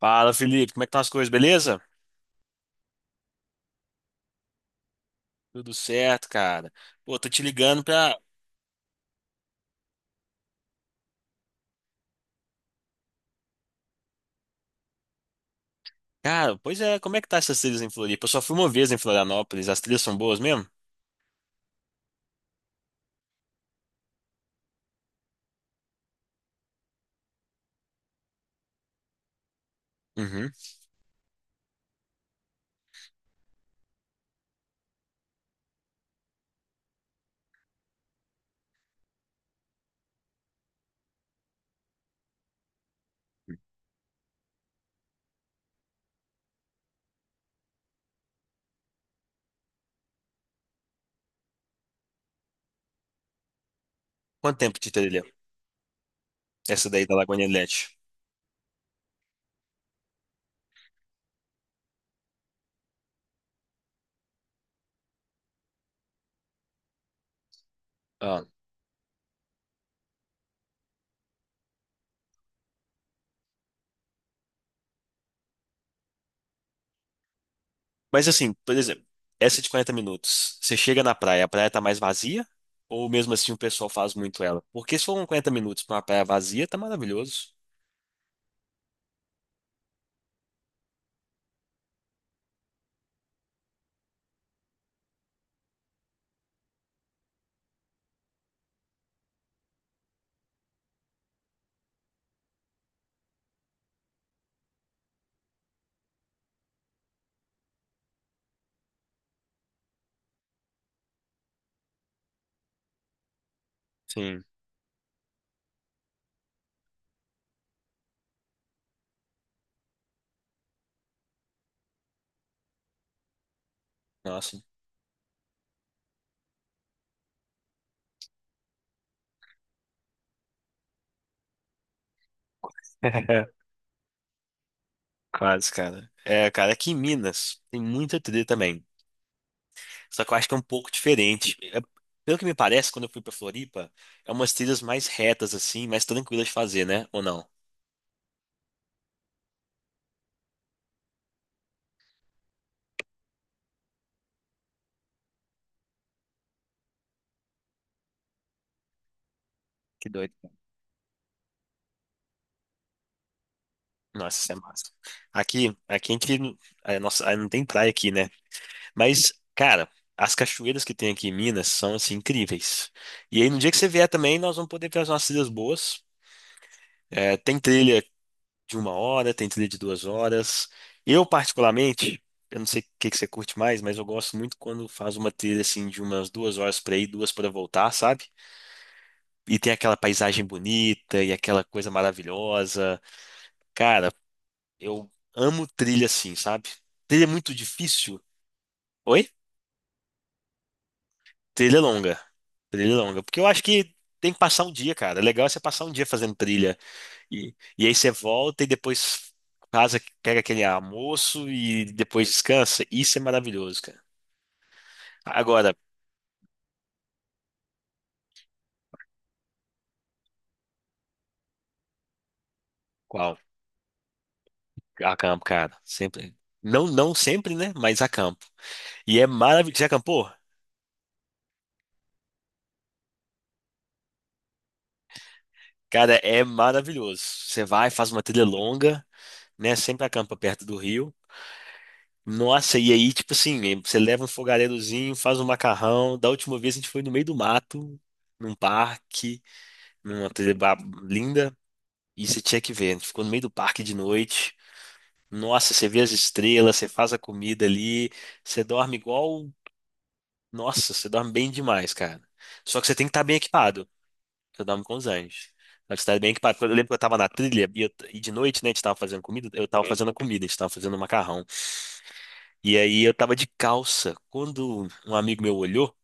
Fala, Felipe, como é que estão as coisas, beleza? Tudo certo, cara. Pô, tô te ligando pra. Cara, pois é, como é que tá essas trilhas em Floripa? Eu só fui uma vez em Florianópolis, as trilhas são boas mesmo? Uhum. Quanto tempo de trilha? Essa daí da Lagoa Leste. Ah. Mas assim, por exemplo, essa de 40 minutos, você chega na praia, a praia tá mais vazia? Ou mesmo assim o pessoal faz muito ela? Porque se for uns 40 minutos pra uma praia vazia, tá maravilhoso. Sim. Nossa. Quase, cara. É, cara, aqui em Minas tem muita trilha também. Só que eu acho que é um pouco diferente. Pelo que me parece, quando eu fui pra Floripa, é umas trilhas mais retas, assim, mais tranquilas de fazer, né? Ou não? Que doido. Nossa, isso é massa. Aqui a gente, é, nossa, não tem praia aqui, né? Mas, cara, as cachoeiras que tem aqui em Minas são, assim, incríveis. E aí, no dia que você vier também, nós vamos poder fazer umas trilhas boas. É, tem trilha de 1 hora, tem trilha de 2 horas. Eu, particularmente, eu não sei o que que você curte mais, mas eu gosto muito quando faz uma trilha assim de umas 2 horas para ir, duas para voltar, sabe? E tem aquela paisagem bonita e aquela coisa maravilhosa. Cara, eu amo trilha assim, sabe? Trilha é muito difícil. Oi? Trilha é longa. Trilha é longa. Porque eu acho que tem que passar um dia, cara. É legal é você passar um dia fazendo trilha. E aí você volta e depois casa, pega aquele almoço e depois descansa. Isso é maravilhoso, cara. Agora, qual? Acampo, cara. Sempre. Não, não sempre, né? Mas acampo. E é maravilhoso. Já acampou? Cara, é maravilhoso. Você vai, faz uma trilha longa, né? Sempre acampa perto do rio. Nossa, e aí, tipo assim, você leva um fogareirozinho, faz um macarrão. Da última vez a gente foi no meio do mato, num parque, numa trilha linda. E você tinha que ver, a gente ficou no meio do parque de noite. Nossa, você vê as estrelas, você faz a comida ali, você dorme igual. Nossa, você dorme bem demais, cara. Só que você tem que estar bem equipado. Eu dorme com os anjos. Só que você tá bem equipado. Porque eu lembro que eu tava na trilha e de noite, né, a gente tava fazendo comida. Eu tava fazendo a comida, a gente tava fazendo macarrão. E aí eu tava de calça. Quando um amigo meu olhou,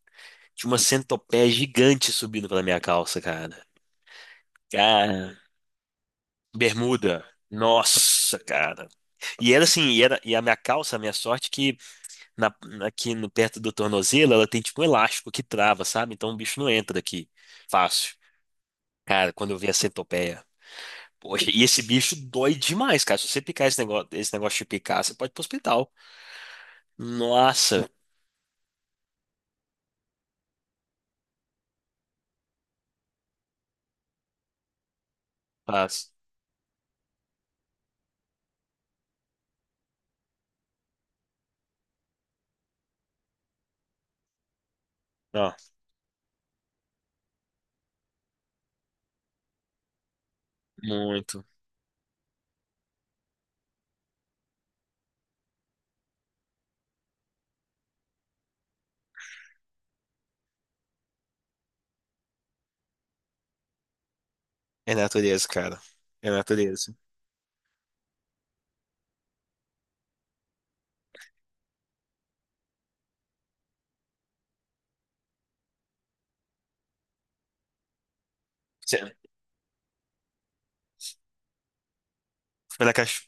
tinha uma centopeia gigante subindo pela minha calça, cara. Cara, bermuda. Nossa, cara. E era assim, e a minha calça, a minha sorte, é que na, aqui no, perto do tornozelo, ela tem tipo um elástico que trava, sabe? Então o bicho não entra aqui. Fácil. Cara, quando eu vi a centopeia. Poxa, e esse bicho dói demais, cara. Se você picar esse negócio de picar, você pode ir pro hospital. Nossa, fácil. Ó, muito. É natureza, cara. É natureza. Você- Foi na, cacho...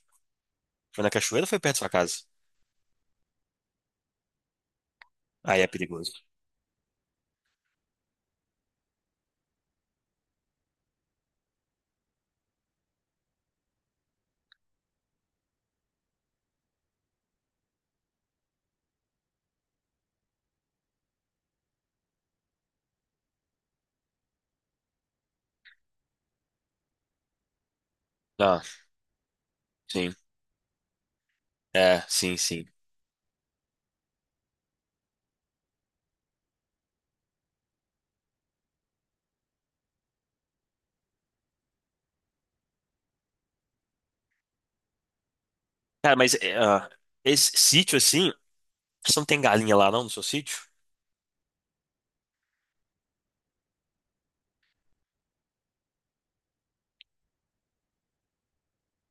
foi na cachoeira ou foi perto da sua casa? Aí é perigoso. Ah, sim. É, sim, sim. Cara, mas é, ah, esse sítio assim. Você não tem galinha lá não no seu sítio?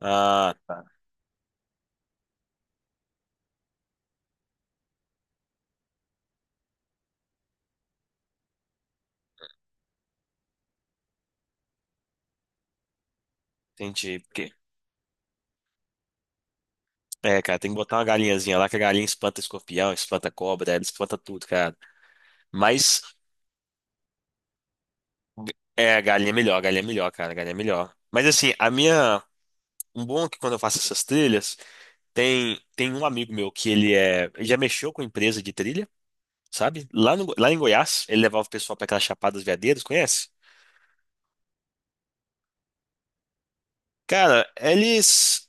Ah, tá. Entendi. Porque, é, cara, tem que botar uma galinhazinha lá, que a galinha espanta escorpião, espanta cobra, ela espanta tudo, cara. Mas é, a galinha é melhor, a galinha é melhor, cara, a galinha é melhor. Mas assim, a minha. Um bom é que quando eu faço essas trilhas, tem um amigo meu que ele é. Ele já mexeu com empresa de trilha, sabe? Lá, no, lá em Goiás, ele levava o pessoal pra aquelas Chapadas Veadeiras, conhece? Cara, eles.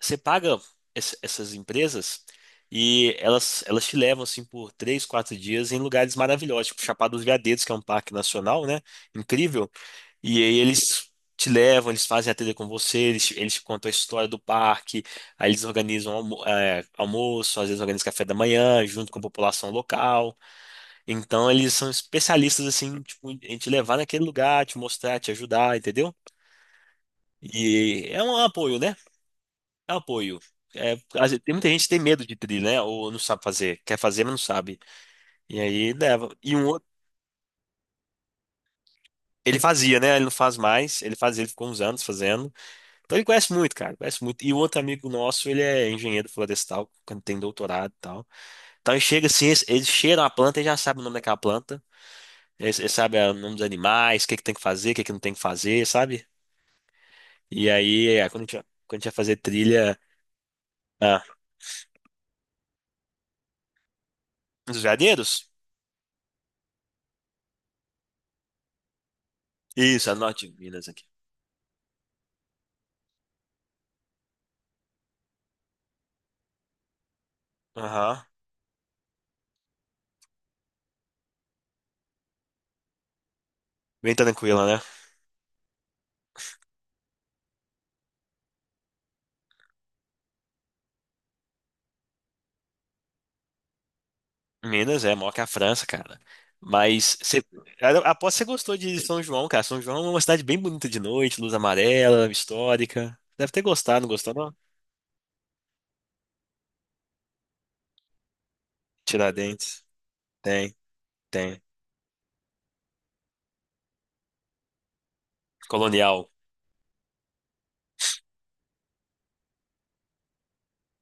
Você paga essas empresas e elas te levam assim por 3, 4 dias em lugares maravilhosos, tipo Chapada dos Veadeiros, que é um parque nacional, né? Incrível. E aí eles te levam, eles fazem a trilha com você, eles, eles te contam a história do parque, aí eles organizam é, almoço, às vezes organizam café da manhã, junto com a população local. Então eles são especialistas assim, tipo, em te levar naquele lugar, te mostrar, te ajudar, entendeu? E é um apoio, né? Eu apoio. É, às vezes tem muita gente que tem medo de tri, né? Ou não sabe fazer. Quer fazer, mas não sabe. E aí leva. E um outro. Ele fazia, né? Ele não faz mais. Ele fazia, ele ficou uns anos fazendo. Então ele conhece muito, cara. Conhece muito. E o outro amigo nosso, ele é engenheiro florestal, quando tem doutorado e tal. Então ele chega assim, eles cheiram a planta e já sabe o nome daquela planta. Eles sabem ah, o nome dos animais, o que que tem que fazer, o que que não tem que fazer, sabe? E aí, é, quando a gente, quando a gente ia fazer trilha. Ah, nos veadeiros? Isso, a norte de Minas aqui. Aham. Bem tranquila, né? Minas é maior que a França, cara. Mas você, eu aposto que você gostou de São João, cara. São João é uma cidade bem bonita de noite, luz amarela, histórica. Deve ter gostado, não gostou, não? Tiradentes. Tem, tem. Colonial.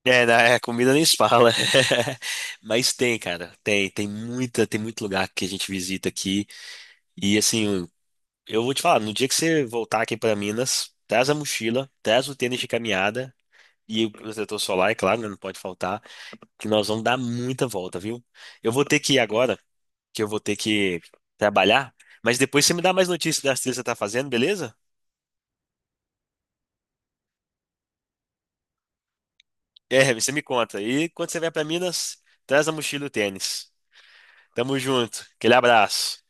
É, na é, comida nem se fala. Mas tem, cara. Tem muita, tem muito lugar que a gente visita aqui. E assim, eu vou te falar, no dia que você voltar aqui para Minas, traz a mochila, traz o tênis de caminhada e o protetor solar, é claro, né, não pode faltar. Que nós vamos dar muita volta, viu? Eu vou ter que ir agora, que eu vou ter que trabalhar, mas depois você me dá mais notícias das trilhas que você tá fazendo, beleza? É, você me conta. E quando você vier para Minas, traz a mochila e o tênis. Tamo junto. Aquele abraço.